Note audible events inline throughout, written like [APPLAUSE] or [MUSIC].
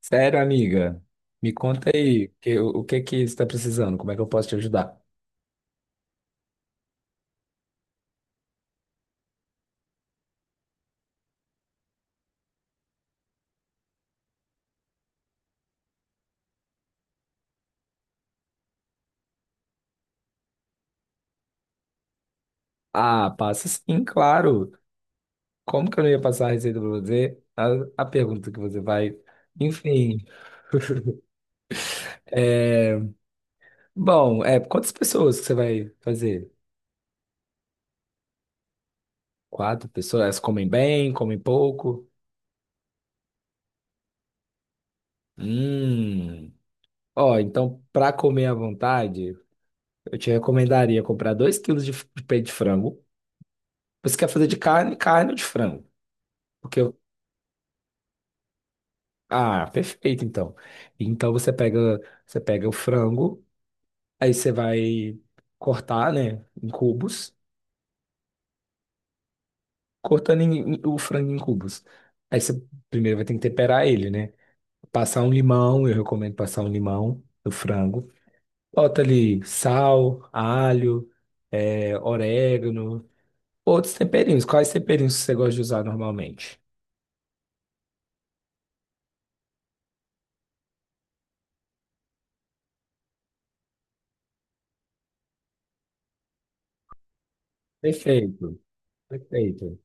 Sério, amiga? Me conta aí, o que que você está precisando? Como é que eu posso te ajudar? Ah, passa sim, claro. Como que eu não ia passar a receita para você? A pergunta que você vai. Enfim. [LAUGHS] É, bom, quantas pessoas que você vai fazer? Quatro pessoas? Elas comem bem, comem pouco? Hum. Ó, então, para comer à vontade, eu te recomendaria comprar 2 quilos de peito de frango. Você quer fazer de carne, carne ou de frango? Porque... Ah, perfeito, então. Então você pega o frango, aí você vai cortar, né, em cubos, cortando o frango em cubos. Aí você primeiro vai ter que temperar ele, né? Passar um limão, eu recomendo passar um limão no frango. Bota ali sal, alho, orégano, outros temperinhos. Quais temperinhos você gosta de usar normalmente? Perfeito, perfeito.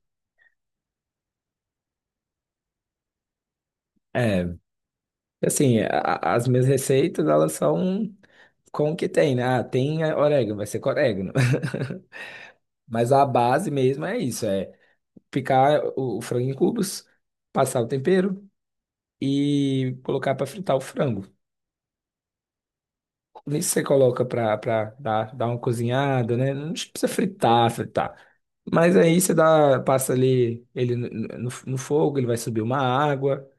É, assim, as minhas receitas, elas são... Como que tem, né? Ah, tem orégano, vai ser com orégano. [LAUGHS] Mas a base mesmo é isso, é picar o frango em cubos, passar o tempero e colocar para fritar o frango. Nisso você coloca para dar, dar uma cozinhada, né? Não precisa fritar, fritar. Mas aí você dá, passa ali ele no fogo, ele vai subir uma água.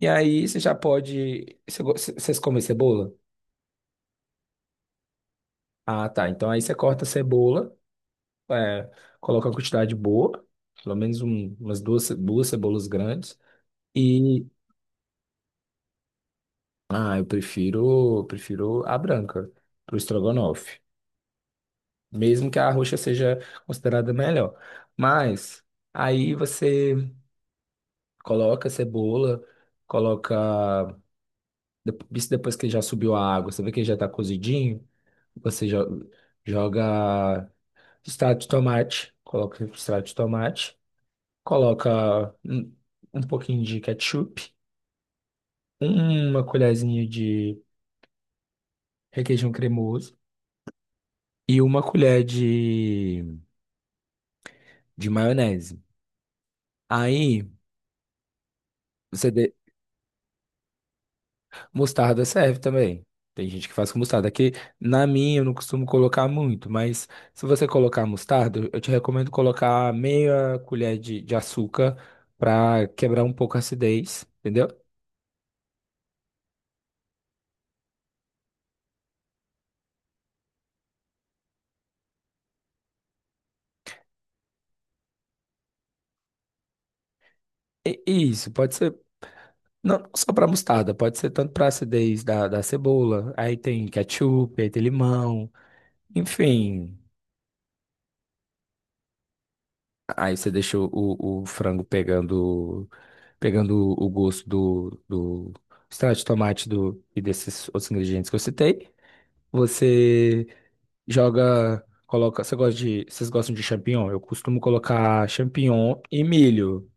E aí você já pode. Você vocês comem cebola? Ah, tá. Então aí você corta a cebola. É, coloca uma quantidade boa, pelo menos umas duas, duas cebolas grandes. E ah, eu prefiro, prefiro a branca pro estrogonofe, mesmo que a roxa seja considerada melhor. Mas aí você coloca a cebola, coloca isso depois que já subiu a água, você vê que já tá cozidinho, você joga extrato de tomate, coloca extrato de tomate. Coloca um pouquinho de ketchup, uma colherzinha de requeijão cremoso e uma colher de maionese. Aí, você de... Mostarda serve também. Tem gente que faz com mostarda. Aqui, na minha, eu não costumo colocar muito, mas se você colocar mostarda, eu te recomendo colocar meia colher de açúcar para quebrar um pouco a acidez, entendeu? E isso, pode ser... Não só para mostarda, pode ser tanto para acidez da cebola, aí tem ketchup, aí tem limão, enfim. Aí você deixa o frango pegando, pegando o gosto do extrato de tomate e desses outros ingredientes que eu citei. Você joga, coloca. Você gosta de, vocês gostam de champignon? Eu costumo colocar champignon e milho.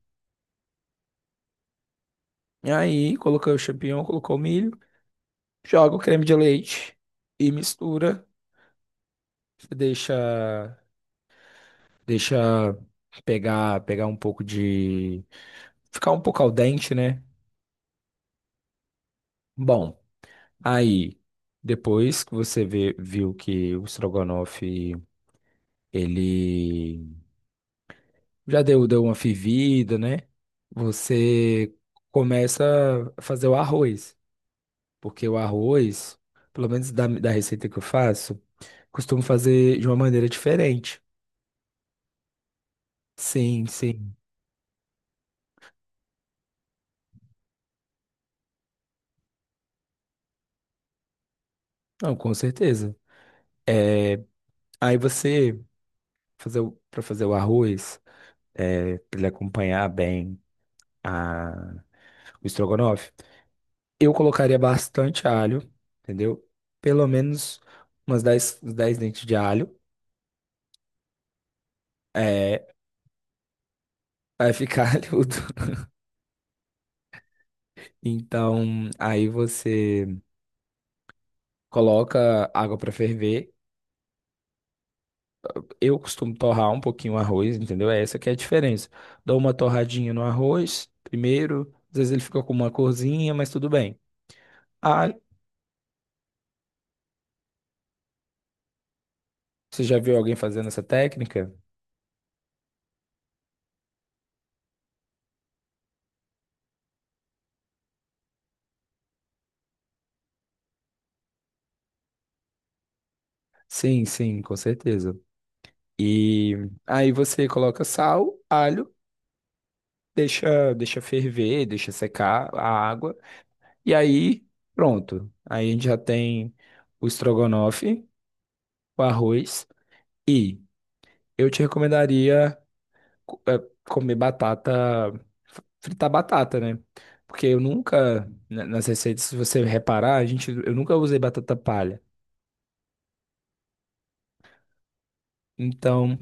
E aí, coloquei o champignon, colocou o milho, joga o creme de leite e mistura. Você deixa, deixa pegar, pegar um pouco de, ficar um pouco al dente, né? Bom, aí depois que você viu que o estrogonofe ele já deu, deu uma fervida, né? Você começa a fazer o arroz, porque o arroz, pelo menos da receita que eu faço, costumo fazer de uma maneira diferente. Sim, sim. Não, com certeza. É. Aí você fazer o, para fazer o arroz, para ele acompanhar bem a, o estrogonofe, eu colocaria bastante alho, entendeu? Pelo menos umas 10, uns 10 dentes de alho. É, vai ficar [LAUGHS] alhudo. Então, aí você coloca água para ferver. Eu costumo torrar um pouquinho o arroz, entendeu? É essa que é a diferença. Dou uma torradinha no arroz primeiro. Às vezes ele fica com uma corzinha, mas tudo bem. Ah, você já viu alguém fazendo essa técnica? Sim, sim, com certeza. E aí você coloca sal, alho, deixa, deixa ferver, deixa secar a água. E aí, pronto. Aí a gente já tem o estrogonofe, o arroz. E eu te recomendaria co- eh, comer batata, fritar batata, né? Porque eu nunca, nas receitas, se você reparar, a gente, eu nunca usei batata palha. Então,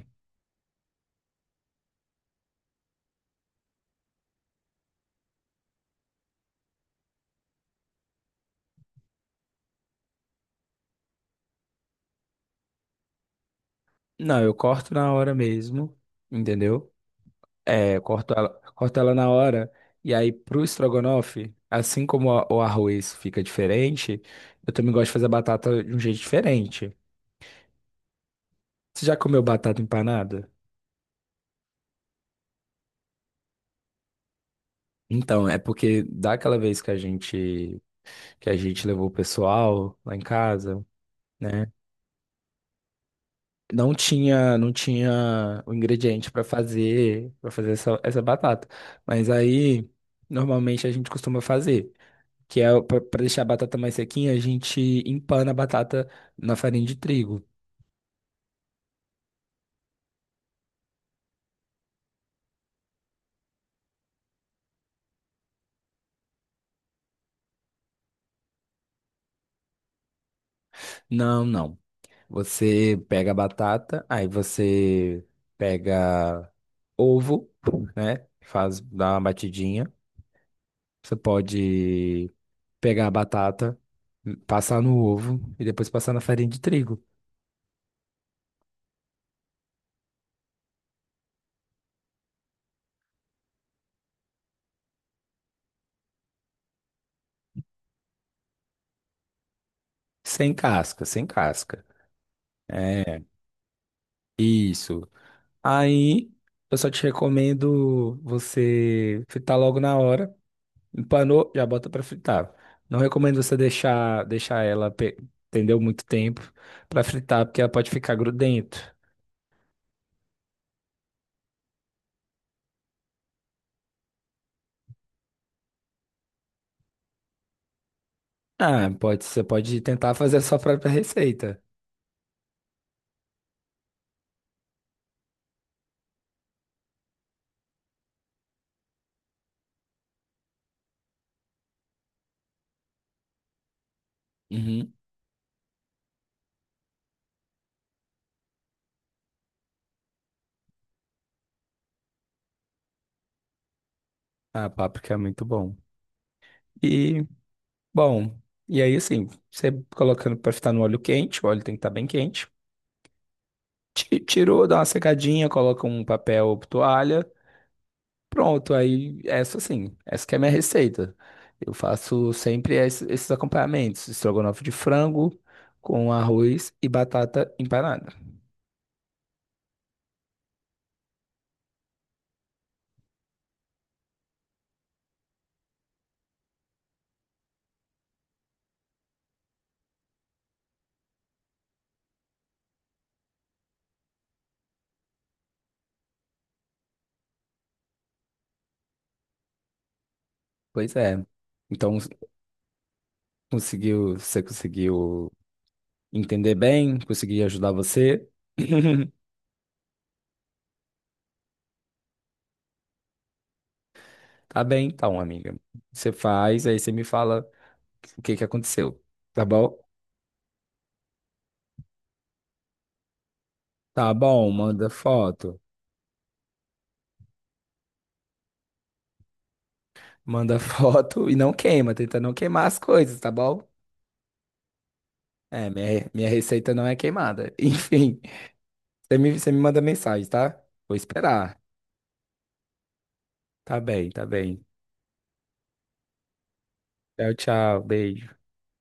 não, eu corto na hora mesmo, entendeu? É, eu corto ela na hora. E aí, pro estrogonofe, assim como o arroz fica diferente, eu também gosto de fazer a batata de um jeito diferente. Você já comeu batata empanada? Então, é porque daquela vez que a gente levou o pessoal lá em casa, né? Não tinha o ingrediente para fazer essa batata. Mas aí, normalmente a gente costuma fazer... que é para deixar a batata mais sequinha, a gente empana a batata na farinha de trigo. Não, não. Você pega a batata, aí você pega ovo, né? Faz, dá uma batidinha. Você pode pegar a batata, passar no ovo e depois passar na farinha de trigo. Sem casca, sem casca. É, isso. Aí eu só te recomendo você fritar logo na hora. Empanou, já bota pra fritar. Não recomendo você deixar, deixar ela, entendeu, muito tempo pra fritar, porque ela pode ficar grudento. Ah, pode, você pode tentar fazer a sua própria receita. Uhum. Ah, páprica é muito bom. E, bom, e aí assim, você colocando pra fritar no óleo quente, o óleo tem que estar bem quente. Tirou, dá uma secadinha, coloca um papel ou toalha. Pronto, aí essa sim, essa que é a minha receita. Eu faço sempre esses acompanhamentos, estrogonofe de frango com arroz e batata empanada. Pois é. Então, conseguiu, você conseguiu entender bem? Consegui ajudar você? [LAUGHS] Tá bem, então, amiga. Você faz, aí você me fala o que que aconteceu, tá bom? Tá bom, manda foto. Manda [LAUGHS] foto e não queima, tenta não queimar as coisas, tá bom? É, minha receita não é queimada. [LAUGHS] Enfim, você me manda mensagem, tá? Vou esperar. Tá bem, tá bem. Tchau, tchau. Beijo.